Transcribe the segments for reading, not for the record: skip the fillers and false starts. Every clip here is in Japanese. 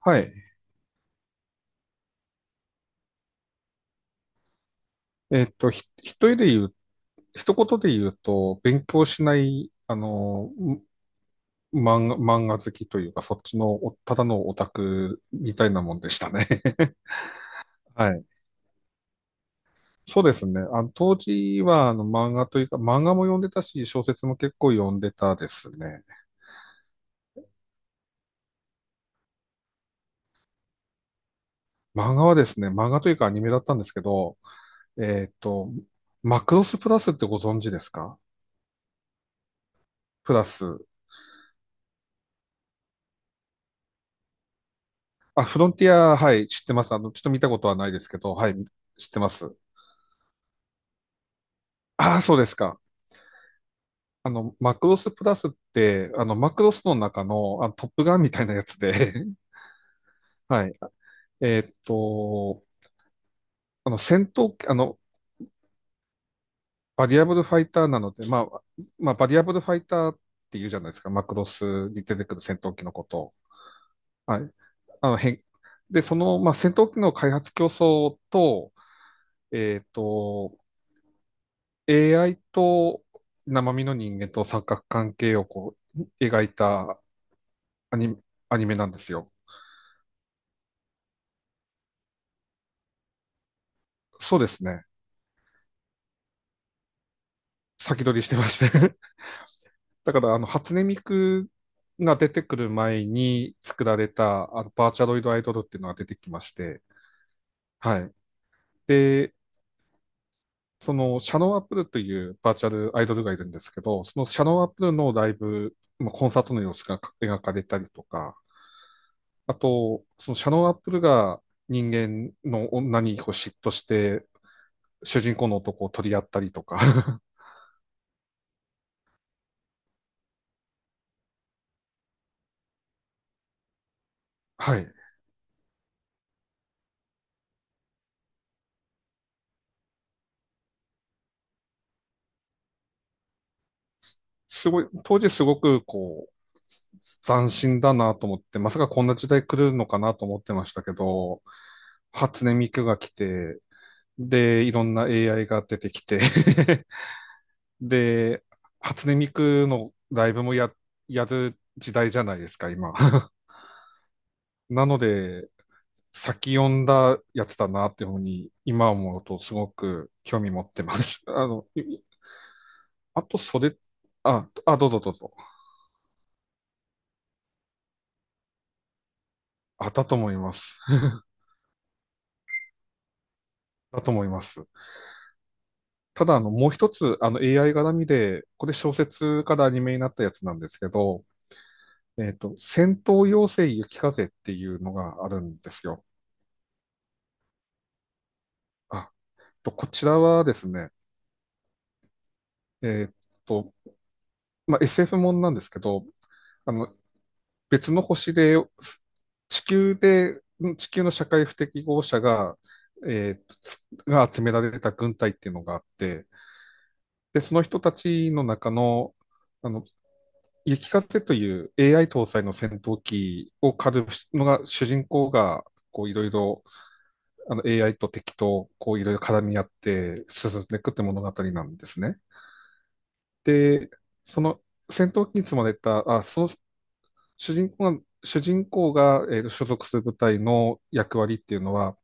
はい。えっと、ひ、一人で言う、一言で言うと、勉強しない、漫画好きというか、そっちのお、ただのオタクみたいなもんでしたね。はい。そうですね。当時は、漫画というか、漫画も読んでたし、小説も結構読んでたですね。漫画はですね、漫画というかアニメだったんですけど、えっと、マクロスプラスってご存知ですか？プラス。あ、フロンティア、はい、知ってます。あの、ちょっと見たことはないですけど、はい、知ってます。ああ、そうですか。あの、マクロスプラスって、あの、マクロスの中の、あのトップガンみたいなやつで、はい。えーっと、あの、戦闘機、あの、バリアブルファイターなので、まあ、バリアブルファイターって言うじゃないですか、マクロスに出てくる戦闘機のことを。はい。あの、変、で、その、まあ、戦闘機の開発競争と、えーっと、AI と生身の人間と三角関係をこう描いたアニメ、アニメなんですよ。そうですね。先取りしてまして。 だからあの初音ミクが出てくる前に作られたあのバーチャロイドアイドルっていうのが出てきまして、はい。で、そのシャノンアップルというバーチャルアイドルがいるんですけど、そのシャノンアップルのライブ、まあコンサートの様子が描かれたりとか、あと、そのシャノン・アップルが人間の女にこう嫉妬して、主人公の男を取り合ったりとか。はい。すごい、当時すごくこう、斬新だなと思って、まさかこんな時代来るのかなと思ってましたけど、初音ミクが来て、で、いろんな AI が出てきて、 で、初音ミクのライブもや、やる時代じゃないですか、今。なので、先読んだやつだなっていうふうに、今思うとすごく興味持ってます。あの、いあと袖、あ、どうぞどうぞ。あ、だと思います。だと思います。ただ、あの、もう一つ、あの、AI 絡みで、これ小説からアニメになったやつなんですけど、戦闘妖精雪風っていうのがあるんですよ。あ、こちらはですね、えっと、まあ、SF もんなんですけど、あの、別の星で、地球で、地球の社会不適合者が、えーつが集められた軍隊っていうのがあって、で、その人たちの中の、あの、雪風という AI 搭載の戦闘機を狩るのが主人公が、こういろいろあの AI と敵とこういろいろ絡み合って進んでいくって物語なんですね。で、その戦闘機に積まれた、その主人公が、えーと所属する部隊の役割っていうのは、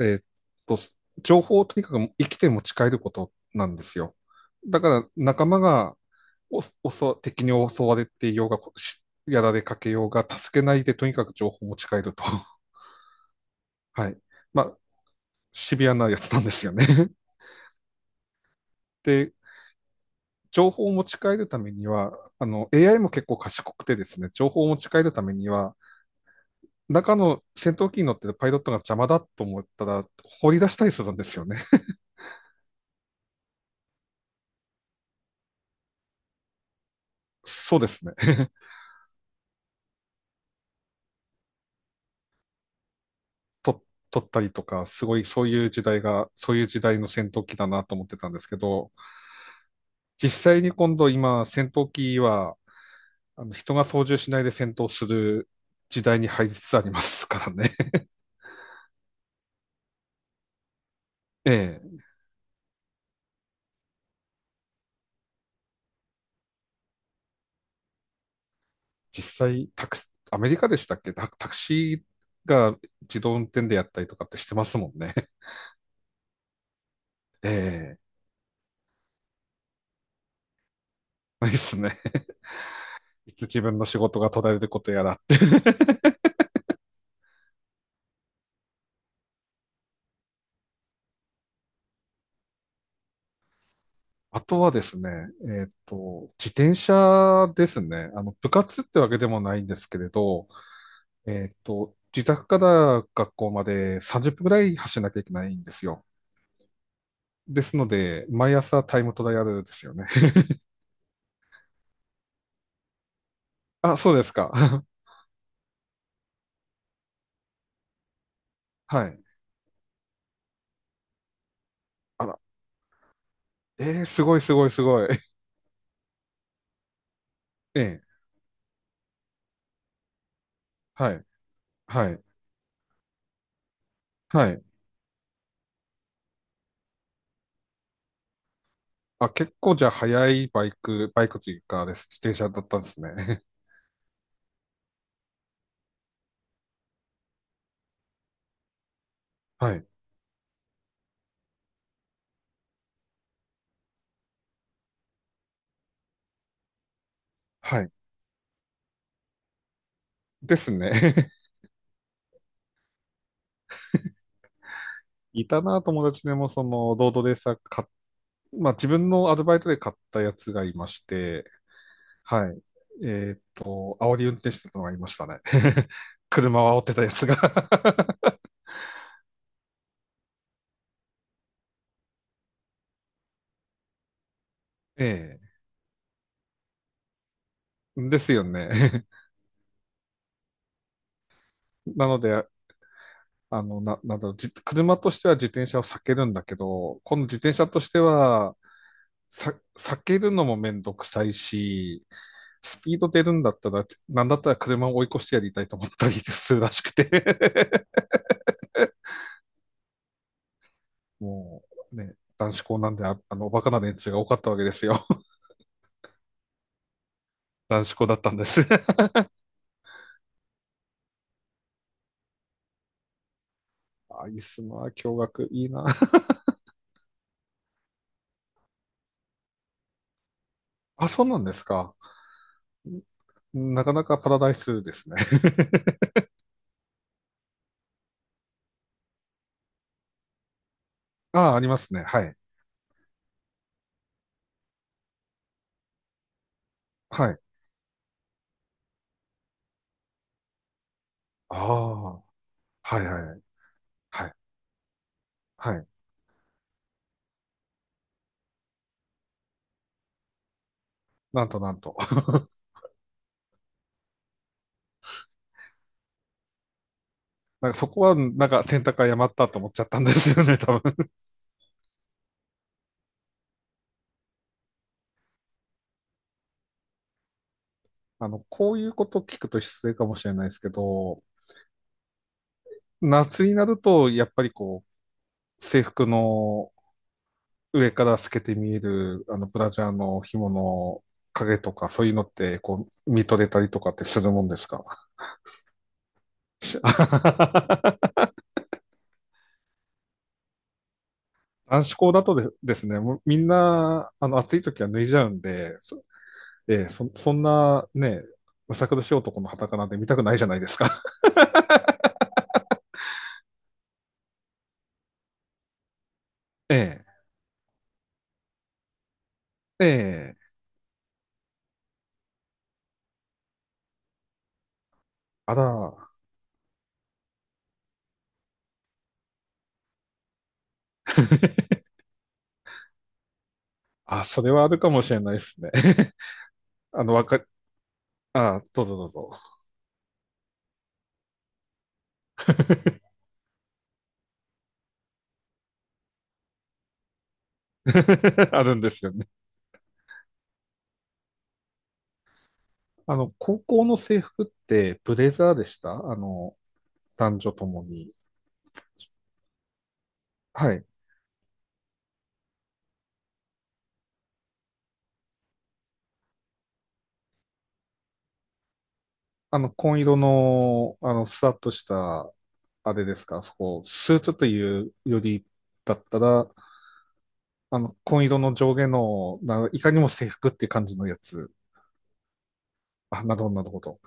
えーと、情報をとにかく生きて持ち帰ることなんですよ。だから仲間がおおそ敵に襲われていようが、しやられかけようが、助けないでとにかく情報を持ち帰ると。はい。まあ、シビアなやつなんですよね。で、情報を持ち帰るためには、あの、AI も結構賢くてですね、情報を持ち帰るためには、中の戦闘機に乗ってるパイロットが邪魔だと思ったら、放り出したりするんですよね。そうですね。と撮ったりとか、すごいそういう時代が、そういう時代の戦闘機だなと思ってたんですけど、実際に今、戦闘機は、あの人が操縦しないで戦闘する時代に入りつつありますからね。ええ。実際、アメリカでしたっけ、タクシーが自動運転でやったりとかってしてますもんね。ええ。ないっすね。いつ自分の仕事が途絶えることやらって。 あとはですね、自転車ですね。あの、部活ってわけでもないんですけれど、自宅から学校まで30分ぐらい走らなきゃいけないんですよ。ですので、毎朝タイムトライアルですよね。あ、そうですか。はい。あら、すごいすごいすごい。ええ、はい、はい、はい。あ、結構じゃあ速いバイク、バイクというかです、自転車だったんですね。はい、はい。ですね。いたな、友達でも、その、ロードレーサー買っ、まあ、自分のアルバイトで買ったやつがいまして、はい。煽り運転してたのがいましたね。車を煽ってたやつが。 ええ。ですよね。なので、あの、な、なんだろう、じ、車としては自転車を避けるんだけど、今度自転車としては、避けるのもめんどくさいし、スピード出るんだったら、なんだったら車を追い越してやりたいと思ったりするらしくて。 もうね、男子校なんで、あの、おバカな連中が多かったわけですよ。男子校だったんです。あ、いいっすな、驚学いいな。あ、そうなんですか。なかなかパラダイスですね。あ、ありますね。はい。はい。ああ、はいはいはい。はい。はい。なんとなんと。なんかそこは、なんか選択誤ったと思っちゃったんですよね、多分。あの、こういうこと聞くと失礼かもしれないですけど、夏になると、やっぱりこう、制服の上から透けて見える、あの、ブラジャーの紐の影とか、そういうのって、こう、見とれたりとかってするもんですか？し。 男子校だとでですね、もうみんな、あの、暑い時は脱いじゃうんで、そ、ええそ、そんなね、むさ苦しい男の裸なんて見たくないじゃないですか。ええ、ええ、あら、あ、それはあるかもしれないですね。あの、わか、あ、どうぞどうぞ。あるんですよね。あの、高校の制服ってブレザーでした？あの、男女ともに。はい。あの、紺色の、あの、スワッとした、あれですか、そこ、スーツというよりだったら、あの、紺色の上下の、ないかにも制服っていう感じのやつ。あ、なるほど、なるほど。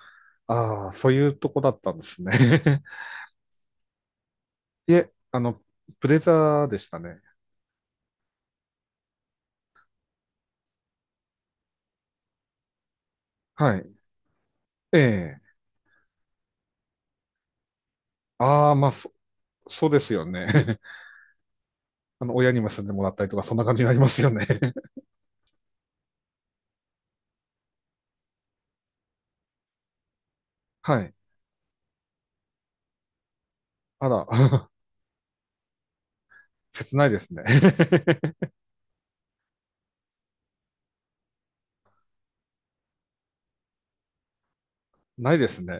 ああ、そういうとこだったんですね。いえ、あの、ブレザーでしたね。はい。ええ。ああ、まあ、そうですよね。あの、親にも住んでもらったりとか、そんな感じになりますよね。はい。あら、切ないですね。ないですね。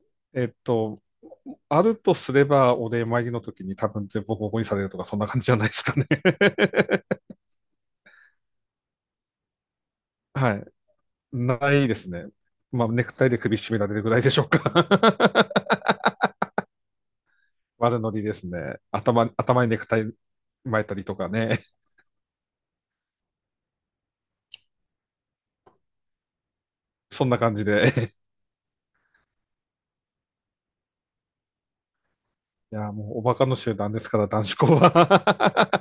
えっと、あるとすれば、お礼参りの時に多分全部ボコボコにされるとか、そんな感じじゃないですかね。はい。ないですね。まあ、ネクタイで首絞められるぐらいでしょうか。悪ノリですね。頭にネクタイ巻いたりとかね。そんな感じで。いや、もうおバカの集団ですから、男子校は。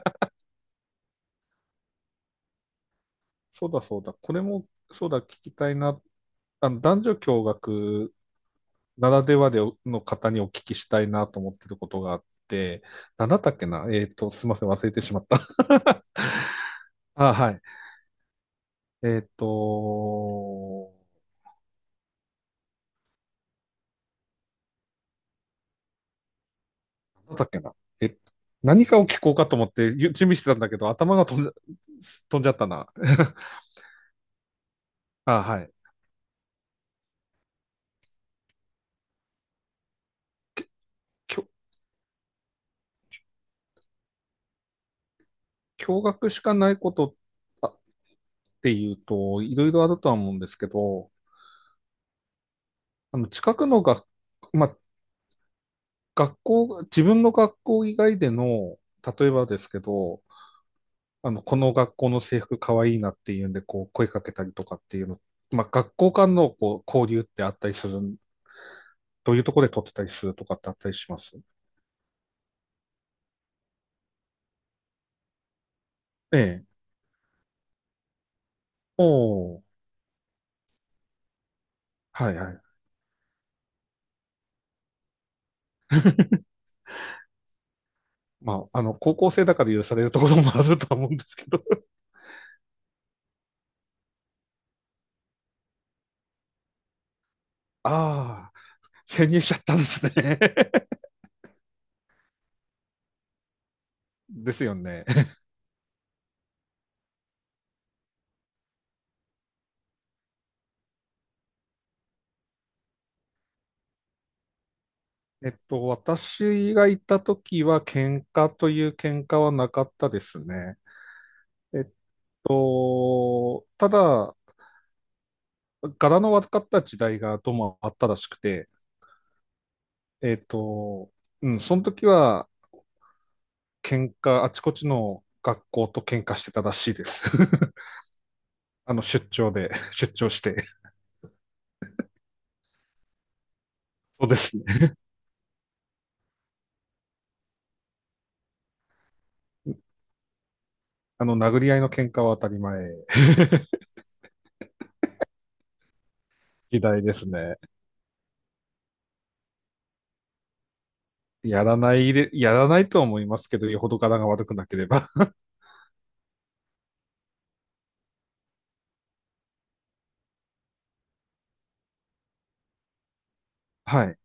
そうだそうだ。これも、そうだ、聞きたいな。あの男女共学ならではでの方にお聞きしたいなと思ってることがあって、なんだったっけなすいません、忘れてしまった。あ、はい。えっと、なんだったっけなえ、何かを聞こうかと思って準備してたんだけど、頭が飛んじゃ、飛んじゃったな。あ、はい。きょ、驚愕しかないこと。あっていうと、いろいろあるとは思うんですけど、あの、近くのが、まあ、自分の学校以外での、例えばですけど、あの、この学校の制服かわいいなっていうんで、こう、声かけたりとかっていうの、まあ、学校間のこう交流ってあったりする、どういうところで撮ってたりするとかってあったりします？ええ。おお、はいはい。まあ、あの、高校生だから許されるところもあるとは思うんですけど。ああ、潜入しちゃったんですね。ですよね。えっと、私がいた時は喧嘩という喧嘩はなかったですね。えっただ、柄の悪かった時代がどうもあったらしくて、えっと、うん、その時はあちこちの学校と喧嘩してたらしいです。あの、出張で、出張して。そうですね。あの、殴り合いの喧嘩は当たり前。 時代ですね。やらないで、やらないとは思いますけど、よほど柄が悪くなければ。はい。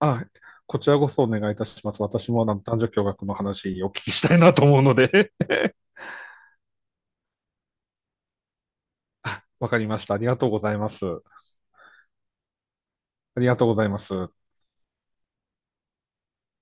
あ、こちらこそお願いいたします。私もあの男女共学の話をお聞きしたいなと思うので。 わかりました。ありがとうございます。ありがとうございます。